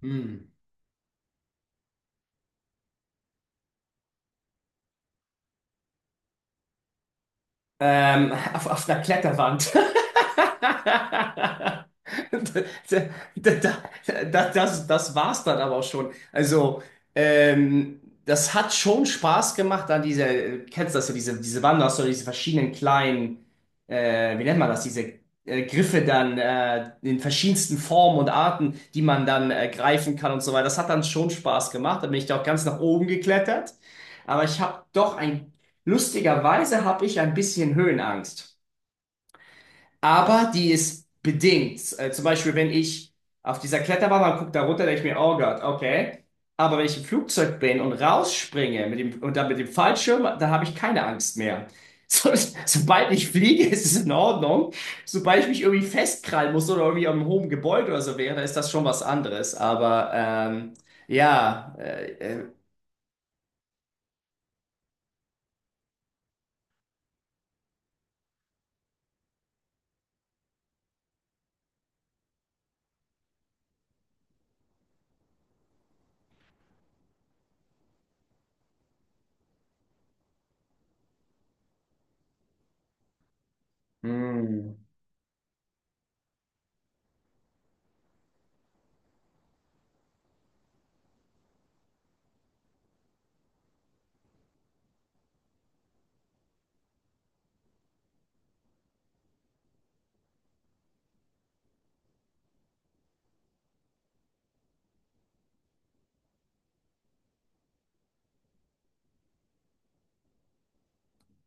Hm. Auf einer Kletterwand. Das, das war's dann aber auch schon. Also, das hat schon Spaß gemacht an diese, kennst du das so, diese Wanderstöcke, diese verschiedenen kleinen, wie nennt man das, diese Griffe dann in verschiedensten Formen und Arten, die man dann greifen kann und so weiter. Das hat dann schon Spaß gemacht. Da bin ich da auch ganz nach oben geklettert. Aber ich habe doch ein, Lustigerweise habe ich ein bisschen Höhenangst. Aber die ist bedingt. Zum Beispiel, wenn ich auf dieser Kletterwand mal gucke, da runter, denke ich mir, oh Gott, okay. Aber wenn ich im Flugzeug bin und rausspringe mit dem, und dann mit dem Fallschirm, da habe ich keine Angst mehr. So, sobald ich fliege, ist es in Ordnung. Sobald ich mich irgendwie festkrallen muss oder irgendwie am hohen Gebäude oder so wäre, dann ist das schon was anderes. Aber ja, äh, äh, mm,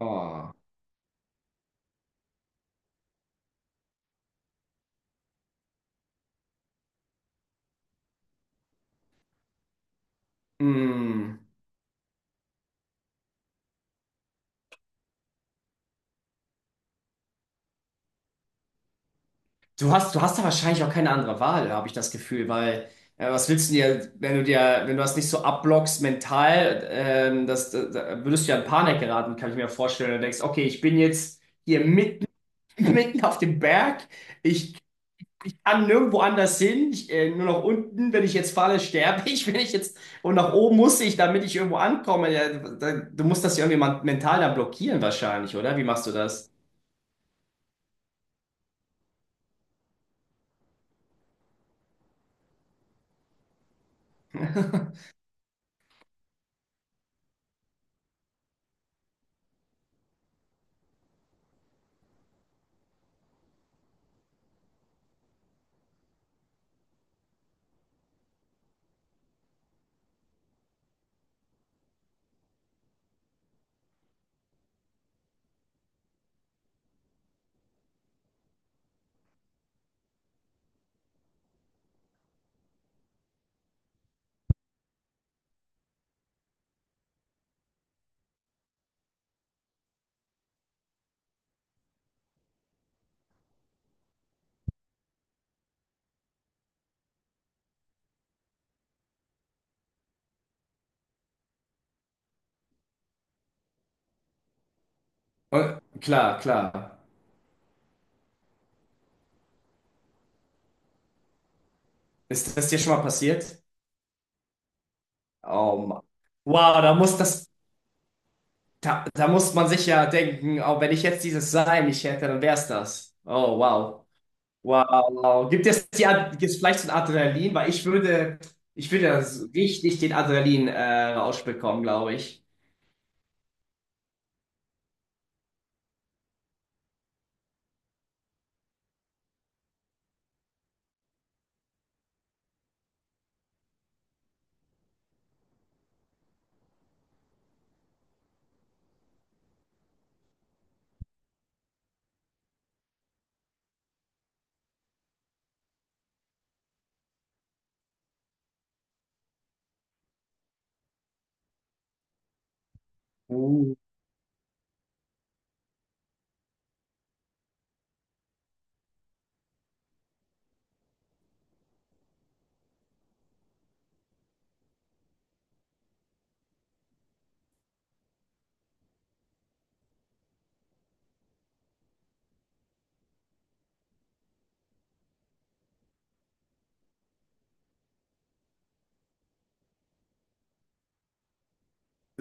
oh, mm. Du hast da wahrscheinlich auch keine andere Wahl, habe ich das Gefühl, weil was willst du dir, wenn du dir, wenn du das nicht so abblockst mental, da würdest du ja in Panik geraten, kann ich mir vorstellen. Du denkst, okay, ich bin jetzt hier mitten, mitten auf dem Berg, ich, ich kann nirgendwo anders hin, nur nach unten, wenn ich jetzt falle, sterbe ich, wenn ich jetzt, und nach oben muss ich, damit ich irgendwo ankomme. Ja, da, du musst das ja irgendwie mental da blockieren wahrscheinlich, oder? Wie machst du das? Und, klar, klar. Ist das dir schon mal passiert? Oh Mann. Wow, da muss das, Da muss man sich ja denken, oh, wenn ich jetzt dieses Sein nicht hätte, dann wär's das. Oh, wow. Wow. Gibt es die, gibt's vielleicht so ein Adrenalin? Weil ich würde das richtig den Adrenalin-Rausch bekommen, glaube ich. Uh.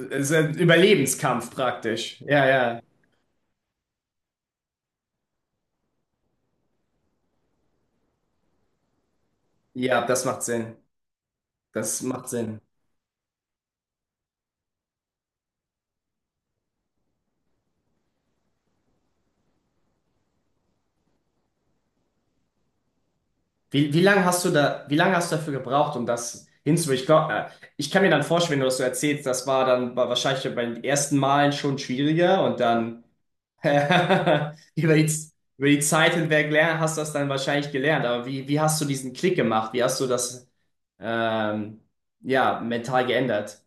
Es ist ein Überlebenskampf praktisch. Ja, ja. Ja, das macht Sinn. Das macht Sinn. Wie, wie lange hast du da, wie lange hast du dafür gebraucht, um das hinzu? Ich kann mir dann vorstellen, wenn du das so erzählst, das war dann war wahrscheinlich bei den ersten Malen schon schwieriger und dann über die, über die Zeit hinweg lernen, hast du das dann wahrscheinlich gelernt. Aber wie, wie hast du diesen Klick gemacht? Wie hast du das ähm, ja, mental geändert?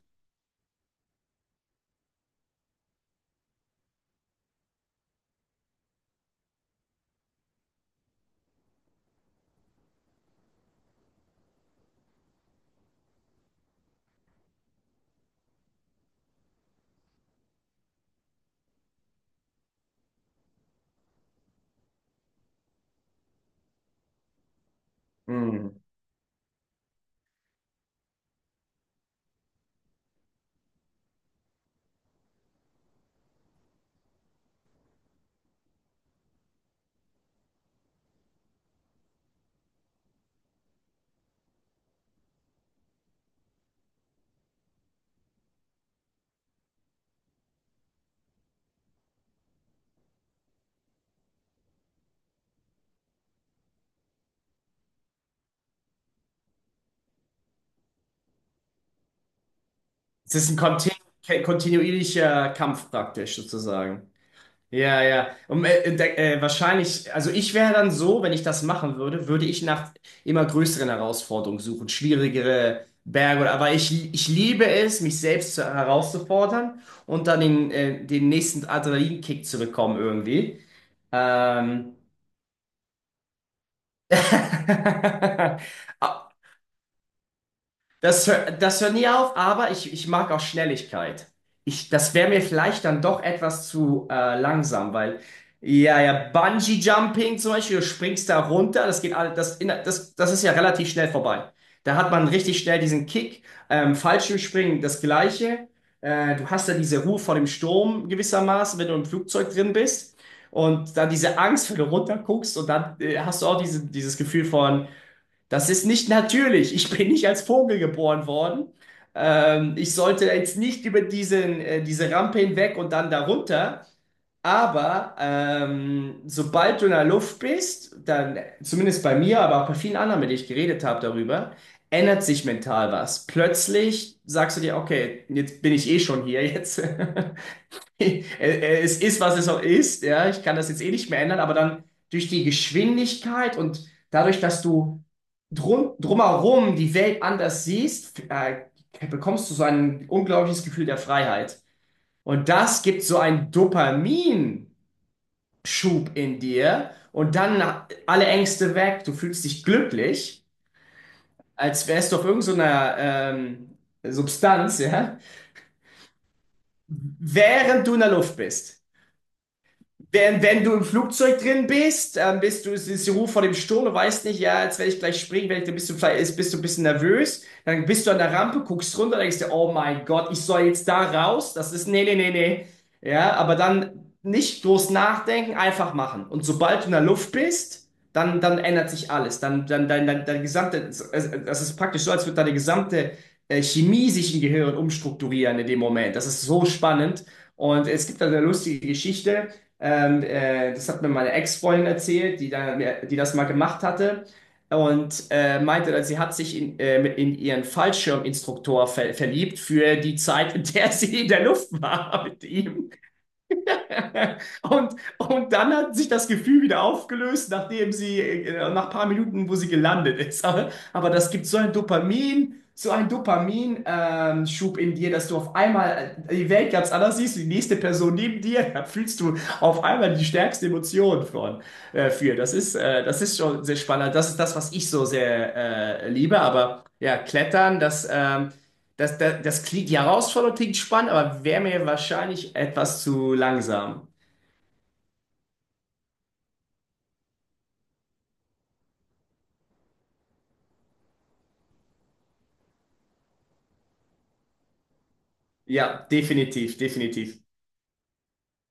Hm. Es ist ein kontinuierlicher Kampf praktisch sozusagen. Ja, ja. Und wahrscheinlich, also ich wäre dann so, wenn ich das machen würde, würde ich nach immer größeren Herausforderungen suchen, schwierigere Berge oder, aber ich liebe es, mich selbst zu, herauszufordern und dann den, den nächsten Adrenalinkick zu bekommen irgendwie. Ähm. Ah, Das hört nie auf, aber ich mag auch Schnelligkeit. Ich, das wäre mir vielleicht dann doch etwas zu langsam, weil ja, ja, Bungee-Jumping zum Beispiel, du springst da runter, das geht alles, das, in, das, das ist ja relativ schnell vorbei. Da hat man richtig schnell diesen Kick. Fallschirmspringen, das Gleiche. Du hast ja diese Ruhe vor dem Sturm gewissermaßen, wenn du im Flugzeug drin bist. Und dann diese Angst, wenn du runterguckst und dann hast du auch diese, dieses Gefühl von das ist nicht natürlich. Ich bin nicht als Vogel geboren worden. Ich sollte jetzt nicht über diesen, diese Rampe hinweg und dann darunter. Aber sobald du in der Luft bist, dann, zumindest bei mir, aber auch bei vielen anderen, mit denen ich geredet habe darüber, ändert sich mental was. Plötzlich sagst du dir, okay, jetzt bin ich eh schon hier jetzt. Es ist, was es auch ist, ja. Ich kann das jetzt eh nicht mehr ändern, aber dann durch die Geschwindigkeit und dadurch, dass du drumherum die Welt anders siehst, bekommst du so ein unglaubliches Gefühl der Freiheit. Und das gibt so einen Dopaminschub in dir und dann alle Ängste weg. Du fühlst dich glücklich, als wärst du auf irgendeiner Substanz, ja, während du in der Luft bist. Wenn, wenn du im Flugzeug drin bist, bist du, es ist die Ruhe vor dem Sturm, du weißt nicht, ja, jetzt werde ich gleich springen, wenn ich, dann bist du vielleicht, bist du ein bisschen nervös, dann bist du an der Rampe, guckst runter, denkst dir, oh mein Gott, ich soll jetzt da raus, das ist, nee, nee, nee, nee, ja, aber dann nicht groß nachdenken, einfach machen. Und sobald du in der Luft bist, dann ändert sich alles, dein gesamte, das ist praktisch so, als würde deine gesamte Chemie sich im Gehirn umstrukturieren in dem Moment, das ist so spannend. Und es gibt da eine lustige Geschichte. Das hat mir meine Ex-Freundin erzählt, die das mal gemacht hatte und meinte, dass sie hat sich in, mit in ihren Fallschirminstruktor verliebt für die Zeit, in der sie in der Luft war mit ihm. Und dann hat sich das Gefühl wieder aufgelöst, nachdem sie, nach ein paar Minuten, wo sie gelandet ist. Aber das gibt so ein Dopamin, so ein Dopaminschub in dir, dass du auf einmal die Welt ganz anders siehst, die nächste Person neben dir, da fühlst du auf einmal die stärkste Emotion von, für. Das ist schon sehr spannend. Das ist das, was ich so sehr, liebe. Aber ja, Klettern, das klingt, die Herausforderung klingt spannend, aber wäre mir wahrscheinlich etwas zu langsam. Ja, definitiv, definitiv.